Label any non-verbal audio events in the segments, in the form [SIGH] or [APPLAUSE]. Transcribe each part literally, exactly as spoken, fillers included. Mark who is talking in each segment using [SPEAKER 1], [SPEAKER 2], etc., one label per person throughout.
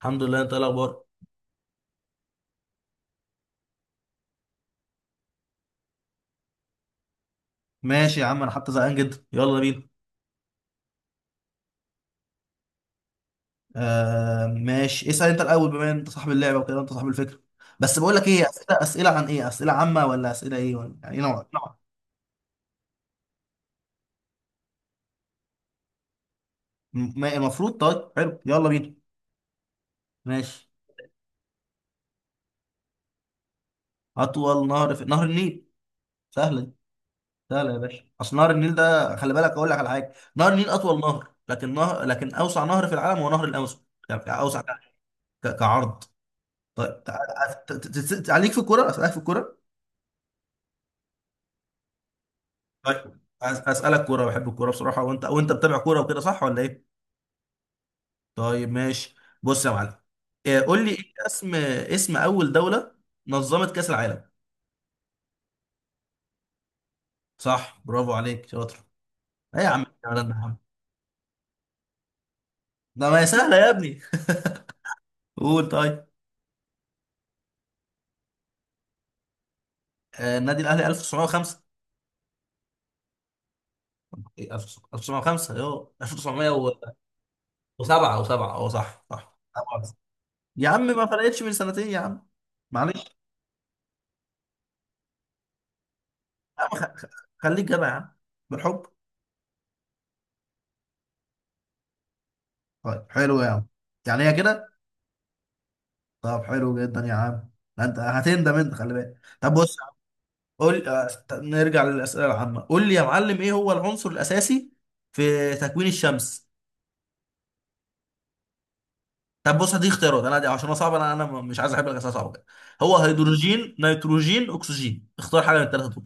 [SPEAKER 1] الحمد لله. انت ايه الاخبار؟ ماشي يا عم، انا حتى زهقان جدا، يلا بينا. آه ماشي، اسأل انت الاول، بما ان انت صاحب اللعبة وكده، انت صاحب الفكرة. بس بقول لك ايه، اسئلة اسئلة عن ايه؟ اسئلة عامة ولا اسئلة ايه؟ ولا يعني ايه نوع؟ نوع م- ما- المفروض؟ طيب حلو، يلا بينا. ماشي. اطول نهر في نهر النيل. سهلة دي. سهلة يا باشا. اصل نهر النيل ده، خلي بالك اقول لك على حاجة، نهر النيل اطول نهر، لكن نهر لكن اوسع نهر في العالم هو نهر الامازون، يعني اوسع ك- كعرض. طيب تع- ت- ت- ت- ت- عليك في الكورة، اسالك في الكورة. طيب أس- اسالك كوره، بحب الكوره بصراحه، وانت وانت بتابع كوره وكده، صح ولا ايه؟ طيب ماشي. بص يا معلم. إيه، قول لي، ايه اسم اسم اول دوله نظمت كاس العالم؟ صح، برافو عليك، شاطر. ايه يا عم الكلام ده يا عم، ده ما هي سهله يا ابني. قول طيب. آه، النادي الاهلي ألف وتسعمية وخمسة. إيه، ألف وتسعمية وخمسة ايوه ألف وتسعمية وسبعة. او سبعة، اه، صح صح طبعاً. يا عم ما فرقتش من سنتين يا عم، معلش. يا عم خ- خ- خليك جدع يا عم. بالحب. طيب حلو يا عم. يعني هي كده. طب حلو جدا يا عم، ده انت هتندم، انت خلي بالك. طب بص يا عم، قول. آه، ط- نرجع للاسئله العامه. قول لي يا معلم، ايه هو العنصر الاساسي في تكوين الشمس؟ طب بص، هدي اختيارات انا دي، عشان انا صعب، انا انا مش عايز احب الاسئله صعبه كده. هو هيدروجين، نيتروجين، اكسجين، اختار حاجه من الثلاثه دول.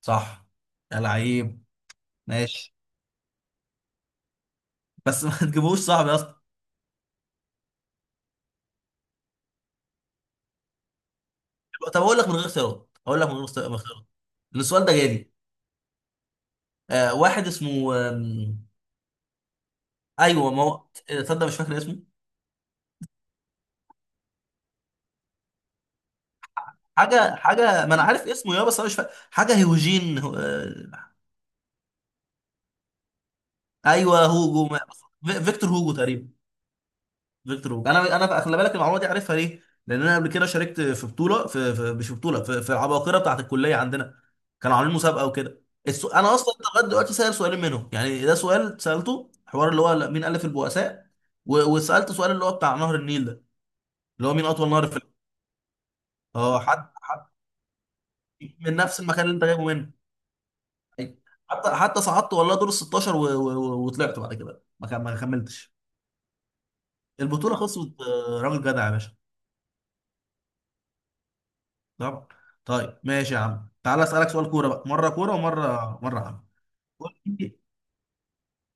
[SPEAKER 1] صح، يا لعيب. ماشي بس [LAUGHS] ما تجيبوش صعب يا اسطى. طب اقول لك من غير اختيارات، اقول لك من غير اختيار- من اختيارات. السؤال ده جالي. آه واحد اسمه آم، ايوه ما هو. آه، تصدق مش فاكر اسمه. حاجه حاجه ما انا عارف اسمه يا، بس انا مش فاكر حاجه. هيوجين هو- آه، ايوه هوجو ما... في- فيكتور هوجو تقريبا. فيكتور هوجو، انا انا خلي بالك المعلومه دي عارفها ليه؟ لان انا قبل كده شاركت في بطوله في, في مش في بطوله، في, في العباقره بتاعت الكليه عندنا. كانوا عاملين مسابقه وكده. السو... انا اصلا لغايه دلوقتي سائل سؤالين منهم، يعني ده سؤال سالته حوار اللي هو مين الف البؤساء، و... وسالت سؤال اللي هو بتاع نهر النيل ده، اللي هو مين اطول نهر في ال- اه. حد حد من نفس المكان اللي انت جايبه منه. أي. حتى حتى صعدت والله دور ال ستاشر، و... و... و- وطلعت بعد كده، ما كم- ما كملتش البطوله، خلصت. آه، راجل جدع يا باشا. طبعا. طيب ماشي يا عم، تعالى اسالك سؤال كوره بقى، مره كوره ومره مره عام. قول لي.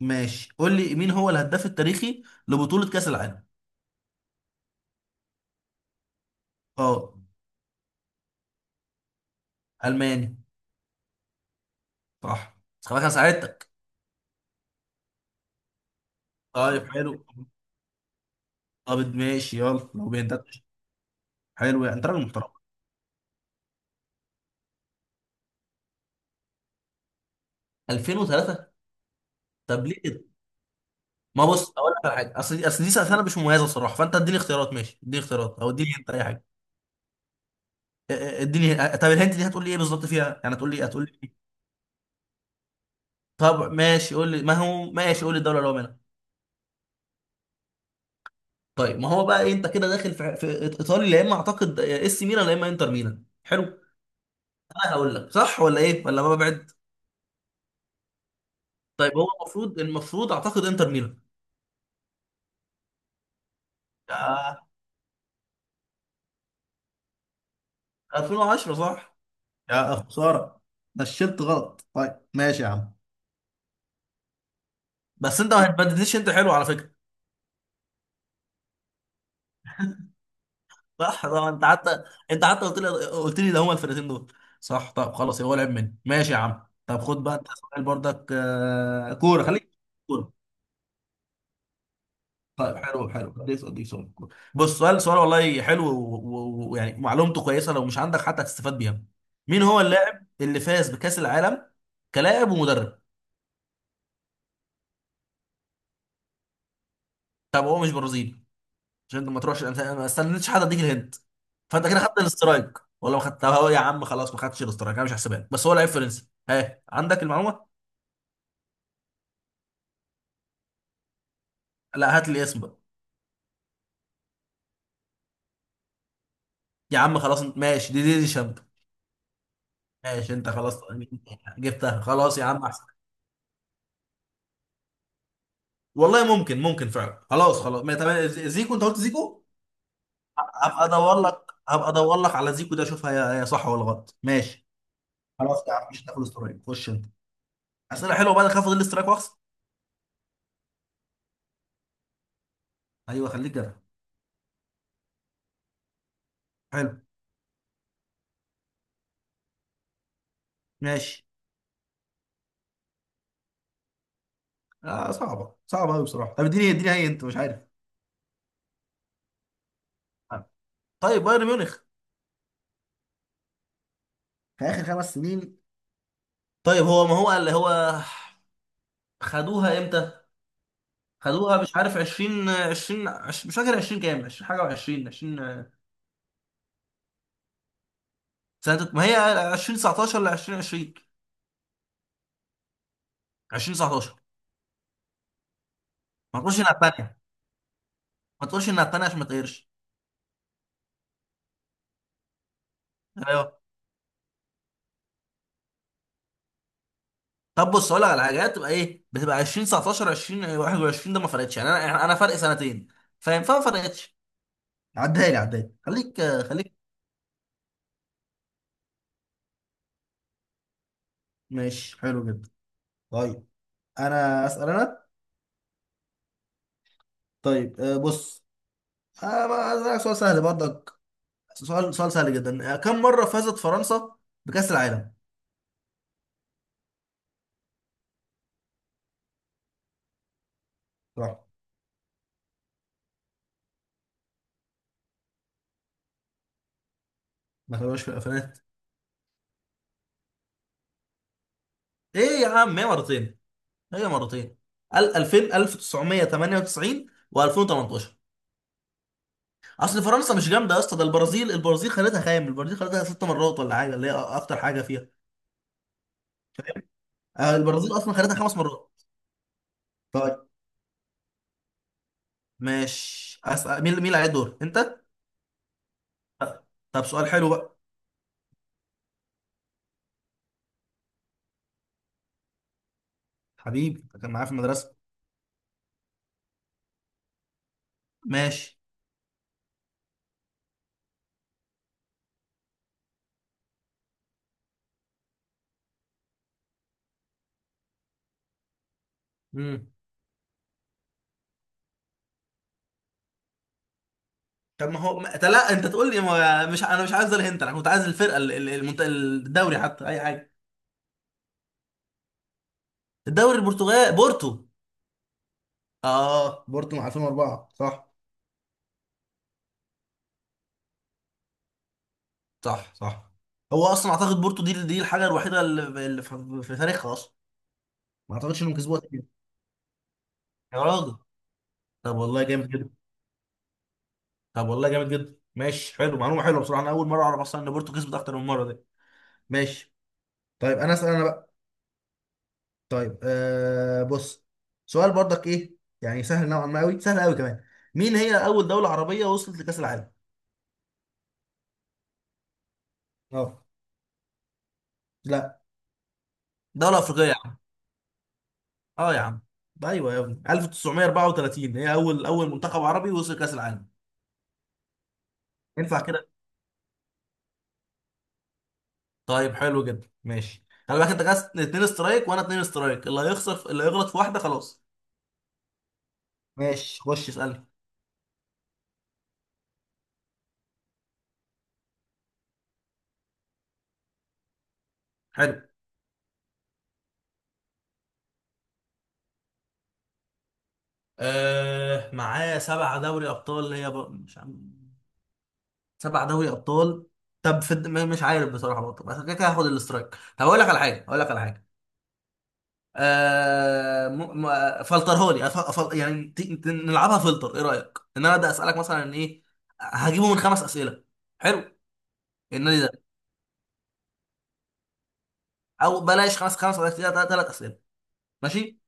[SPEAKER 1] ماشي، قول لي مين هو الهداف التاريخي لبطوله كاس العالم؟ اه، الماني. صح. بس خلاص، انا ساعدتك. طيب حلو. طب ماشي، يلا لو بينتهي. حلو، يعني انت راجل محترم. ألفين وثلاثة. طب ليه؟ ما بص اقول لك على حاجه، اصل دي اصل دي سنه مش مميزه الصراحه، فانت اديني اختيارات، ماشي اديني اختيارات، او اديني انت اي حاجه. ا- ا- اديني ا- طب الهنت دي هتقول لي ايه بالظبط فيها؟ يعني هتقول لي، هتقول لي إيه؟ طب ماشي قول لي، ما هو ماشي، قول لي الدوله اللي هو منها. طيب ما هو بقى إيه، انت كده داخل في, في ايطالي، يا اما اعتقد اه، اس ميلان يا اما انتر ميلان. حلو. انا هقول لك صح ولا ايه ولا ما ببعد. طيب هو المفروض المفروض اعتقد انتر ميلان. يا. ألفين وعشرة، صح. يا خساره، نشلت غلط. طيب ماشي يا عم. بس انت ما هتبددنيش، انت حلو على فكره. صح طبعا، انت حتى انت حتى قلت لي، قلت لي ده هما الفرقتين دول. صح. طب خلاص، هو لعب مني. ماشي يا عم، طب خد بقى انت سؤال برضك. آه، كوره، خليك كوره. طيب حلو حلو خليك، اديك سؤال كوره. بص، سؤال سؤال والله حلو، و- و- ويعني معلومته كويسه لو مش عندك، حتى هتستفاد بيها. مين هو اللاعب اللي فاز بكاس العالم كلاعب ومدرب؟ طب هو مش برازيلي. عشان انت ما تروحش الأمثلة، انا ما استنيتش حد اديك الهنت، فانت كده خدت الاسترايك ولا ما خدتها؟ هو يا عم خلاص ما خدتش الاسترايك، انا مش هحسبها لك. بس هو لعيب فرنسي، ها عندك المعلومه. لا هات لي اسم بقى. يا عم خلاص انت، ماشي دي دي, دي شاب. ماشي انت، خلاص جبتها خلاص يا عم، احسن. والله ممكن، ممكن فعلا، خلاص خلاص ما تمام، زيكو انت قلت زيكو. هبقى ادور لك هبقى ادور لك على زيكو ده، اشوفها هي هي صح ولا غلط. ماشي. خلاص يا عم، مش هتاخد استرايك، خش انت. اسئله حلوه بقى، اخاف اخد الاسترايك واخسر. ايوه، خليك جدع. حلو. ماشي. آه صعبه، صعبه قوي بصراحه. طب اديني، اديني هي انت مش عارف. آه. طيب بايرن ميونخ. في اخر خمس سنين. طيب هو ما هو اللي هو خدوها امتى؟ خدوها مش عارف، عشرين عشرين، عش- مش فاكر عشرين كام، عشرين حاجه و20 عشرين. سنه ما هي ألفين وتسعتاشر ل ألفين وعشرين. ألفين وتسعتاشر. ما تقولش انها الثانيه. ما تقولش انها الثانيه عشان ما تقهرش. ايوه. طب بص اقول لك على حاجه، تبقى ايه؟ بتبقى ألفين وتسعتاشر ألفين وواحد وعشرين، ده ما فرقتش، يعني انا يعني انا فرق سنتين فاهم، فما فرقتش. عدها لي، عدها لي خليك، خليك ماشي حلو جدا. طيب انا اسال انا. طيب آه، بص. آه، ما- أسألك سؤال سهل برضك. سؤال سؤال سهل جدا. آه، كم مره فازت فرنسا بكأس العالم؟ صح. ما تابعوش في الالفينات. ايه يا عم، هي مرتين. هي مرتين ال- ألفين ألف وتسعمائة وثمانية وتسعين و2018. اصل فرنسا مش جامده يا اسطى، ده البرازيل. البرازيل خدتها خام، البرازيل خدتها ست مرات ولا حاجه، اللي هي اكتر حاجه فيها. آه، البرازيل اصلا خدتها خمس مرات. طيب ماشي، اسال. مين مين اللي عليه الدور؟ انت. طب سؤال حلو بقى. حبيبي ده كان معايا في المدرسه. ماشي. امم طب ما هو ما... أنت، لا انت تقول لي ما... مش انا، مش عايز الهنت، انا كنت عايز الفرقه، ال- ال- المنت... الدوري حتى، اي حاجه. الدوري البرتغال، بورتو. اه بورتو، مع ألفين واربعة، صح. صح صح هو اصلا اعتقد بورتو دي دي الحاجه الوحيده اللي اللي في في تاريخها اصلا. ما اعتقدش انهم كسبوها تاني. يا راجل. طب والله جامد جدا. طب والله جامد جدا ماشي حلو، معلومه حلوه بصراحه، انا اول مره اعرف اصلا ان بورتو كسبت اكتر من مره دي. ماشي. طيب انا اسال انا بقى. طيب آه بص. سؤال برضك ايه، يعني سهل نوعا ما، قوي سهل قوي كمان. مين هي اول دوله عربيه وصلت لكاس العالم؟ اه. لا، دوله افريقيه. اه يا عم، ايوه يا ابني، ألف وتسعمية واربعة وتلاتين هي اول اول منتخب عربي وصل كاس العالم. ينفع كده؟ طيب حلو جدا، ماشي، خلي بالك انت كاس اتنين استرايك وانا اتنين استرايك، اللي هيخسر في... اللي هيغلط في واحده خلاص. ماشي، خش اسالني. حلو. آه معاه سبع دوري ابطال، هي ب... مش عم... سبع دوري ابطال. طب في الد- م- مش عارف بصراحه برضه، بس كده كده هاخد الاسترايك. طب اقول لك على حاجه، اقول لك على حاجه آه م... م... فلترهولي أف... أف... يعني ت... ت- نلعبها فلتر، ايه رايك ان انا ابدا اسالك مثلا ايه، هجيبه من خمس اسئله. حلو. النادي ده، او بلاش خمس، خمس اسئله، ثلاث اسئله. ماشي.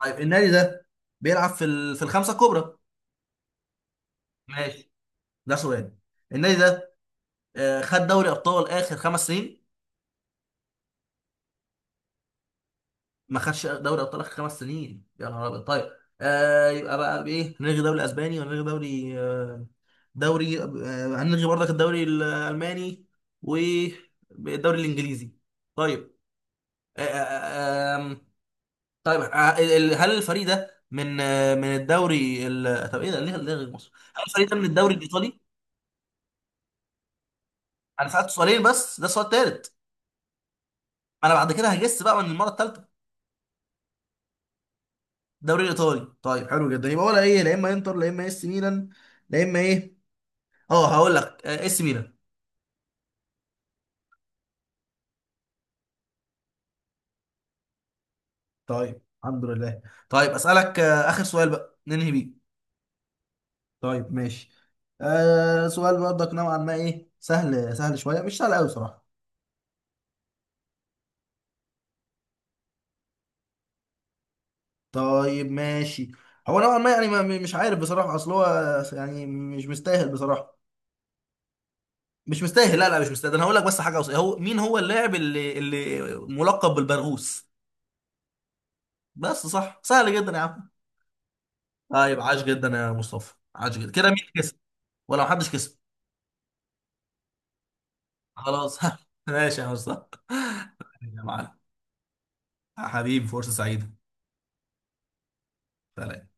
[SPEAKER 1] طيب النادي ده بيلعب في ال... في الخمسه الكبرى. ماشي. ده سؤال. النادي ده آه خد دوري ابطال اخر خمس سنين؟ ما خدش دوري ابطال اخر خمس سنين، يا نهار ابيض. طيب. آه يبقى بقى بايه، نلغي دوري اسباني ونلغي دوري آه، دوري آه، هنلغي برضك الدوري الالماني والدوري الانجليزي. طيب. آه، آه، آه، آم، طيب آه، ال- هل الفريق ده من آه، من الدوري ال... طب ايه ده، ليه ليه غير مصر، هل الفريق ده من الدوري الايطالي؟ انا سالت سؤالين بس، ده السؤال الثالث. انا بعد كده هجس بقى من المره الثالثه. الدوري الايطالي. طيب حلو جدا، يبقى ولا ايه، لا اما انتر لا اما اس ميلان، لا اما ايه. اه هقول لك، آه، اس ميلان. طيب الحمد لله. طيب اسالك آه، اخر سؤال بقى ننهي بيه. طيب ماشي. آه سؤال برضك نوعا ما ايه، سهل، سهل شويه، مش سهل قوي بصراحه. طيب ماشي. هو نوعا ما يعني، ما مش عارف بصراحه، اصل هو يعني مش مستاهل بصراحه. مش مستاهل، لا لا مش مستاهل، ده انا هقول لك بس حاجه وص- هو، مين هو اللاعب اللي اللي ملقب بالبرغوث؟ بس، صح، سهل جدا يا عم. طيب، عاش جدا يا مصطفى، عاش جدا، كده مين كسب ولا محدش كسب؟ خلاص [LAUGHS] ماشي يا مصطفى [LAUGHS] يا معلم. حبيبي، فرصه سعيده. سلام.